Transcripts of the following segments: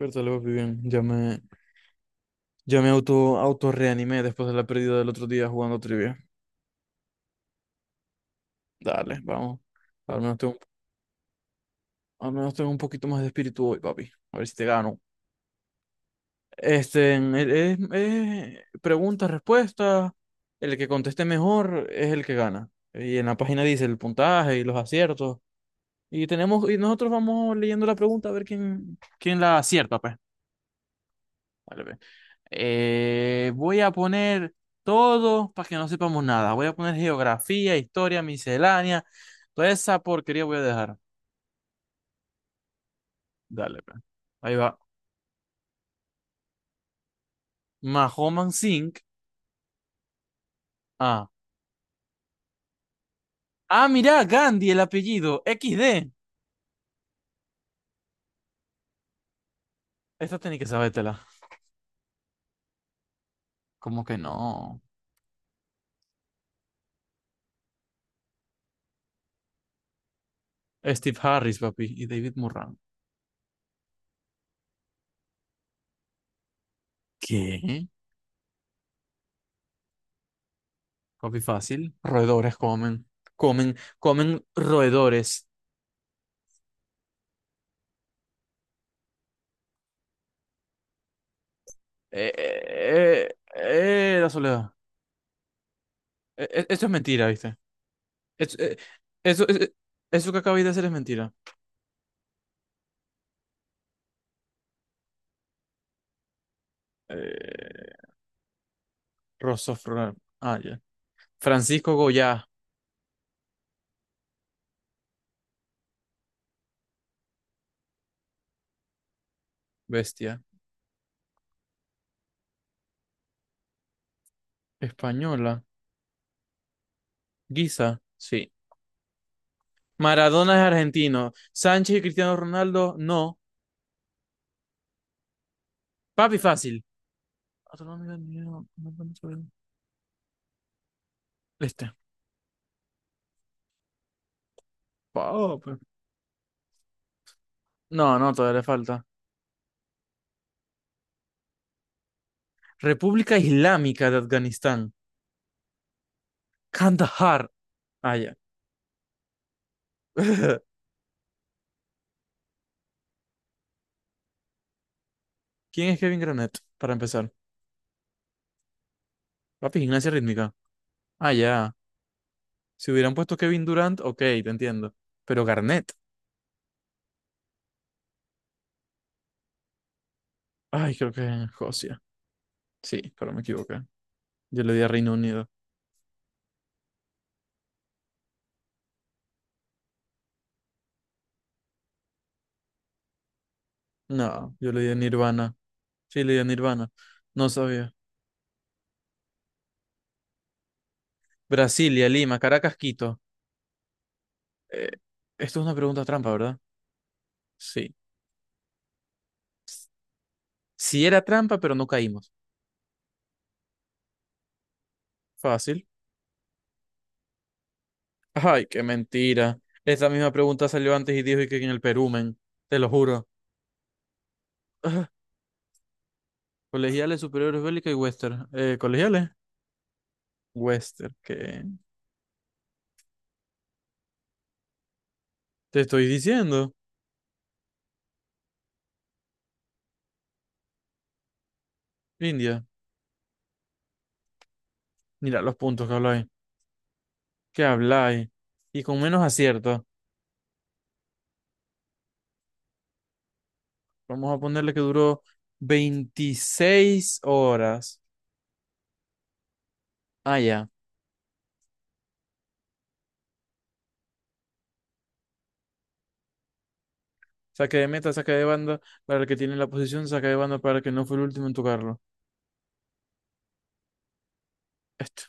Bertale, papi, bien. Ya me auto reanimé después de la pérdida del otro día jugando trivia. Dale, vamos. Al menos tengo, al menos tengo un poquito más de espíritu hoy, papi. A ver si te gano. Es pregunta, respuesta. El que conteste mejor es el que gana. Y en la página dice el puntaje y los aciertos. Y nosotros vamos leyendo la pregunta a ver quién la acierta, pues. Dale, ve. Voy a poner todo para que no sepamos nada. Voy a poner geografía, historia, miscelánea. Toda esa porquería voy a dejar. Dale, pues. Ahí va. Mahoman Singh. Ah. Ah, mirá, Gandhi, el apellido. XD. Esta tenés que sabértela. ¿Cómo que no? Steve Harris, papi, y David Murran. ¿Qué? Papi, fácil. Roedores comen. Comen roedores. La soledad. Esto es mentira, ¿viste? Eso, eh, eso, eh, Eso que acabáis de hacer es mentira. Eh, Rosso Fra- Ah, ya. Francisco Goyá, bestia. Española. Guisa, sí. Maradona es argentino. Sánchez y Cristiano Ronaldo, no. Papi, fácil. Otro nombre, mío, no me acuerdo Este. Papi. No, no, todavía le falta. República Islámica de Afganistán. Kandahar. Ah, ya. ¿Quién es Kevin Granet? Para empezar. Papi, gimnasia rítmica. Ah, ya. Si hubieran puesto Kevin Durant, ok, te entiendo. Pero Garnett. Ay, creo que es Escocia. Sí, pero me equivoqué. Yo le di a Reino Unido. No, yo le di a Nirvana. Sí, le di a Nirvana. No sabía. Brasilia, Lima, Caracas, Quito. Eh, Esto es una pregunta trampa, ¿verdad? Sí. Sí era trampa, pero no caímos. Fácil. Ay, qué mentira. Esta misma pregunta salió antes y dijo que en el Perú, men. Te lo juro. Ah, colegiales, superiores, bélica y western. Colegiales. Western, ¿qué? Te estoy diciendo. India, mira los puntos que habláis, y con menos acierto. Vamos a ponerle que duró 26 horas. Ah, ya. Saque de meta, saque de banda para el que tiene la posición, saque de banda para el que no fue el último en tocarlo. Esto.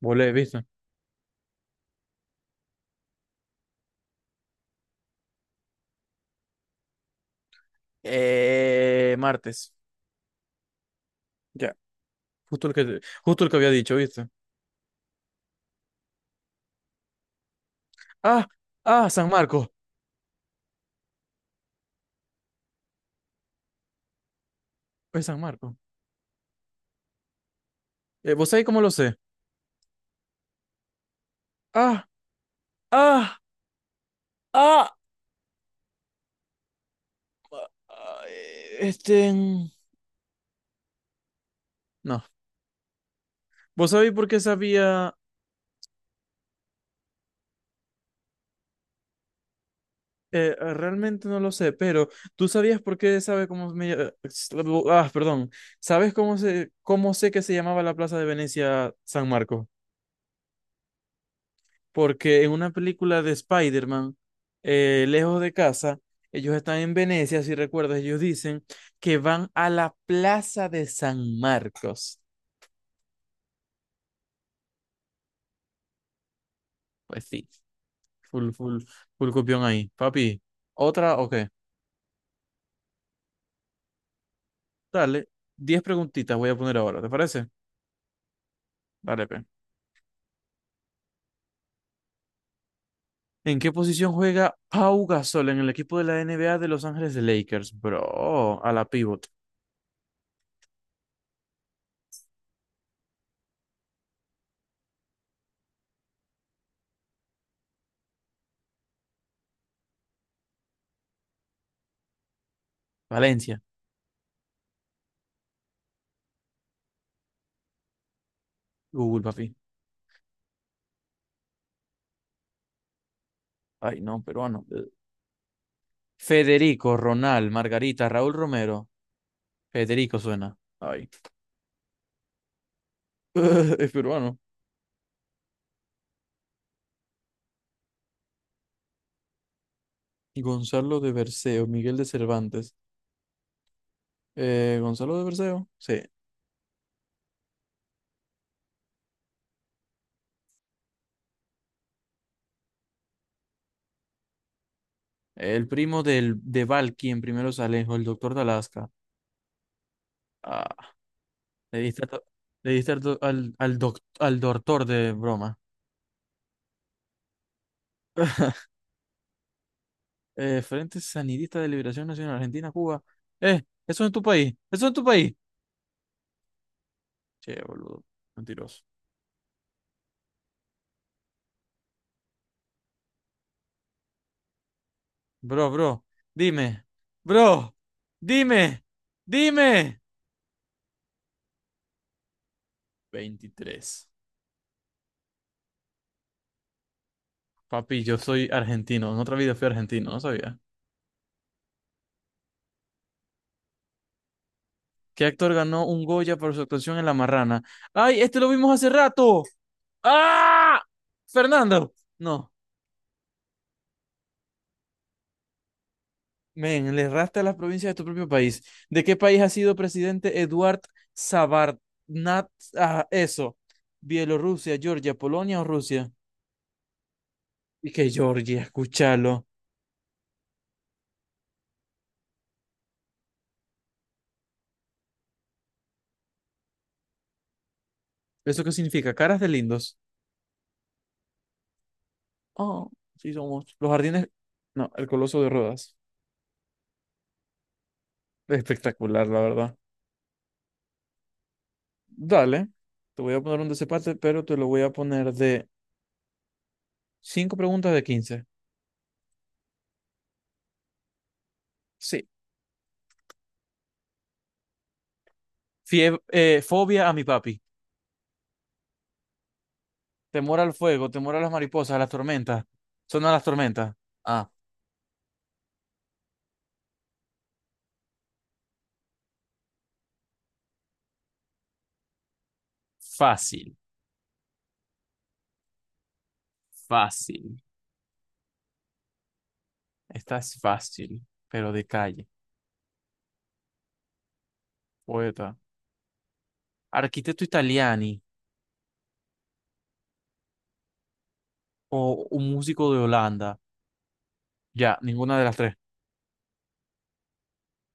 Volé, ¿viste? Martes. Ya. Justo el que había dicho, ¿viste? Ah, San Marcos. Es San Marcos. ¿Vos sabés cómo lo sé? Ah, ah, ah. ah, eh, Este. mm, No. ¿Vos sabéis por qué sabía? Realmente no lo sé, pero ¿tú sabías por qué sabe cómo me Ah, perdón. ¿Sabes cómo sé que se llamaba la Plaza de Venecia San Marcos? Porque en una película de Spider-Man, Lejos de casa, ellos están en Venecia, si recuerdas, ellos dicen que van a la Plaza de San Marcos. Pues sí, full, full, full copión ahí. Papi, otra, o qué. Dale, 10 preguntitas voy a poner ahora, ¿te parece? Dale, pe. ¿En qué posición juega Pau Gasol en el equipo de la NBA de Los Ángeles Lakers, bro? A la pivot. Valencia. Google, papi. Ay, no, peruano. Federico, Ronald, Margarita, Raúl Romero. Federico suena. Ay. Es peruano. Gonzalo de Berceo, Miguel de Cervantes. ¿Gonzalo de Berceo? Sí. El primo de Valky en primeros alejos, el doctor de Alaska. Ah, le diste, a to- le diste al, al doctor de broma. Frente Sandinista de Liberación Nacional Argentina, Cuba. Eso en tu país, eso en tu país. Che, boludo, mentiroso. Bro, dime, bro, dime, dime. 23. Papi, yo soy argentino, en otra vida fui argentino, no sabía. ¿Qué actor ganó un Goya por su actuación en La Marrana? ¡Ay, este lo vimos hace rato! ¡Ah! Fernando. No. Men, le erraste a las provincias de tu propio país. ¿De qué país ha sido presidente Eduard Sabarnat? Ah, eso. Bielorrusia, Georgia, Polonia o Rusia. Y que Georgia, escúchalo. ¿Eso qué significa? Caras de lindos. Oh, sí somos. Los jardines. No, el Coloso de Rodas. Espectacular, la verdad. Dale. Te voy a poner un desempate, pero te lo voy a poner de 5 preguntas de 15. Sí. Fobia a mi papi. Temor al fuego, temor a las mariposas, a las tormentas. Son a las tormentas. Ah. Fácil, fácil. Esta es fácil, pero de calle. Poeta. Arquitecto italiani o un músico de Holanda. Ya, ninguna de las tres.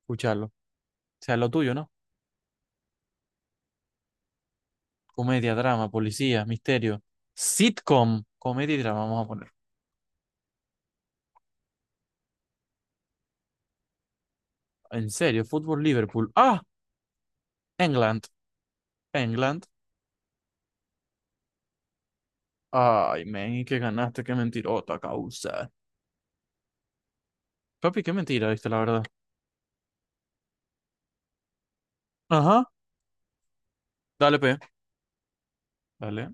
Escucharlo. O sea, lo tuyo, ¿no? Comedia, drama, policía, misterio. Sitcom. Comedia y drama, vamos a poner. En serio, fútbol Liverpool. Ah, England. England. Ay, men, y que ganaste, qué mentirota causa. Papi, qué mentira, viste, la verdad. Ajá. Dale, pe, dale.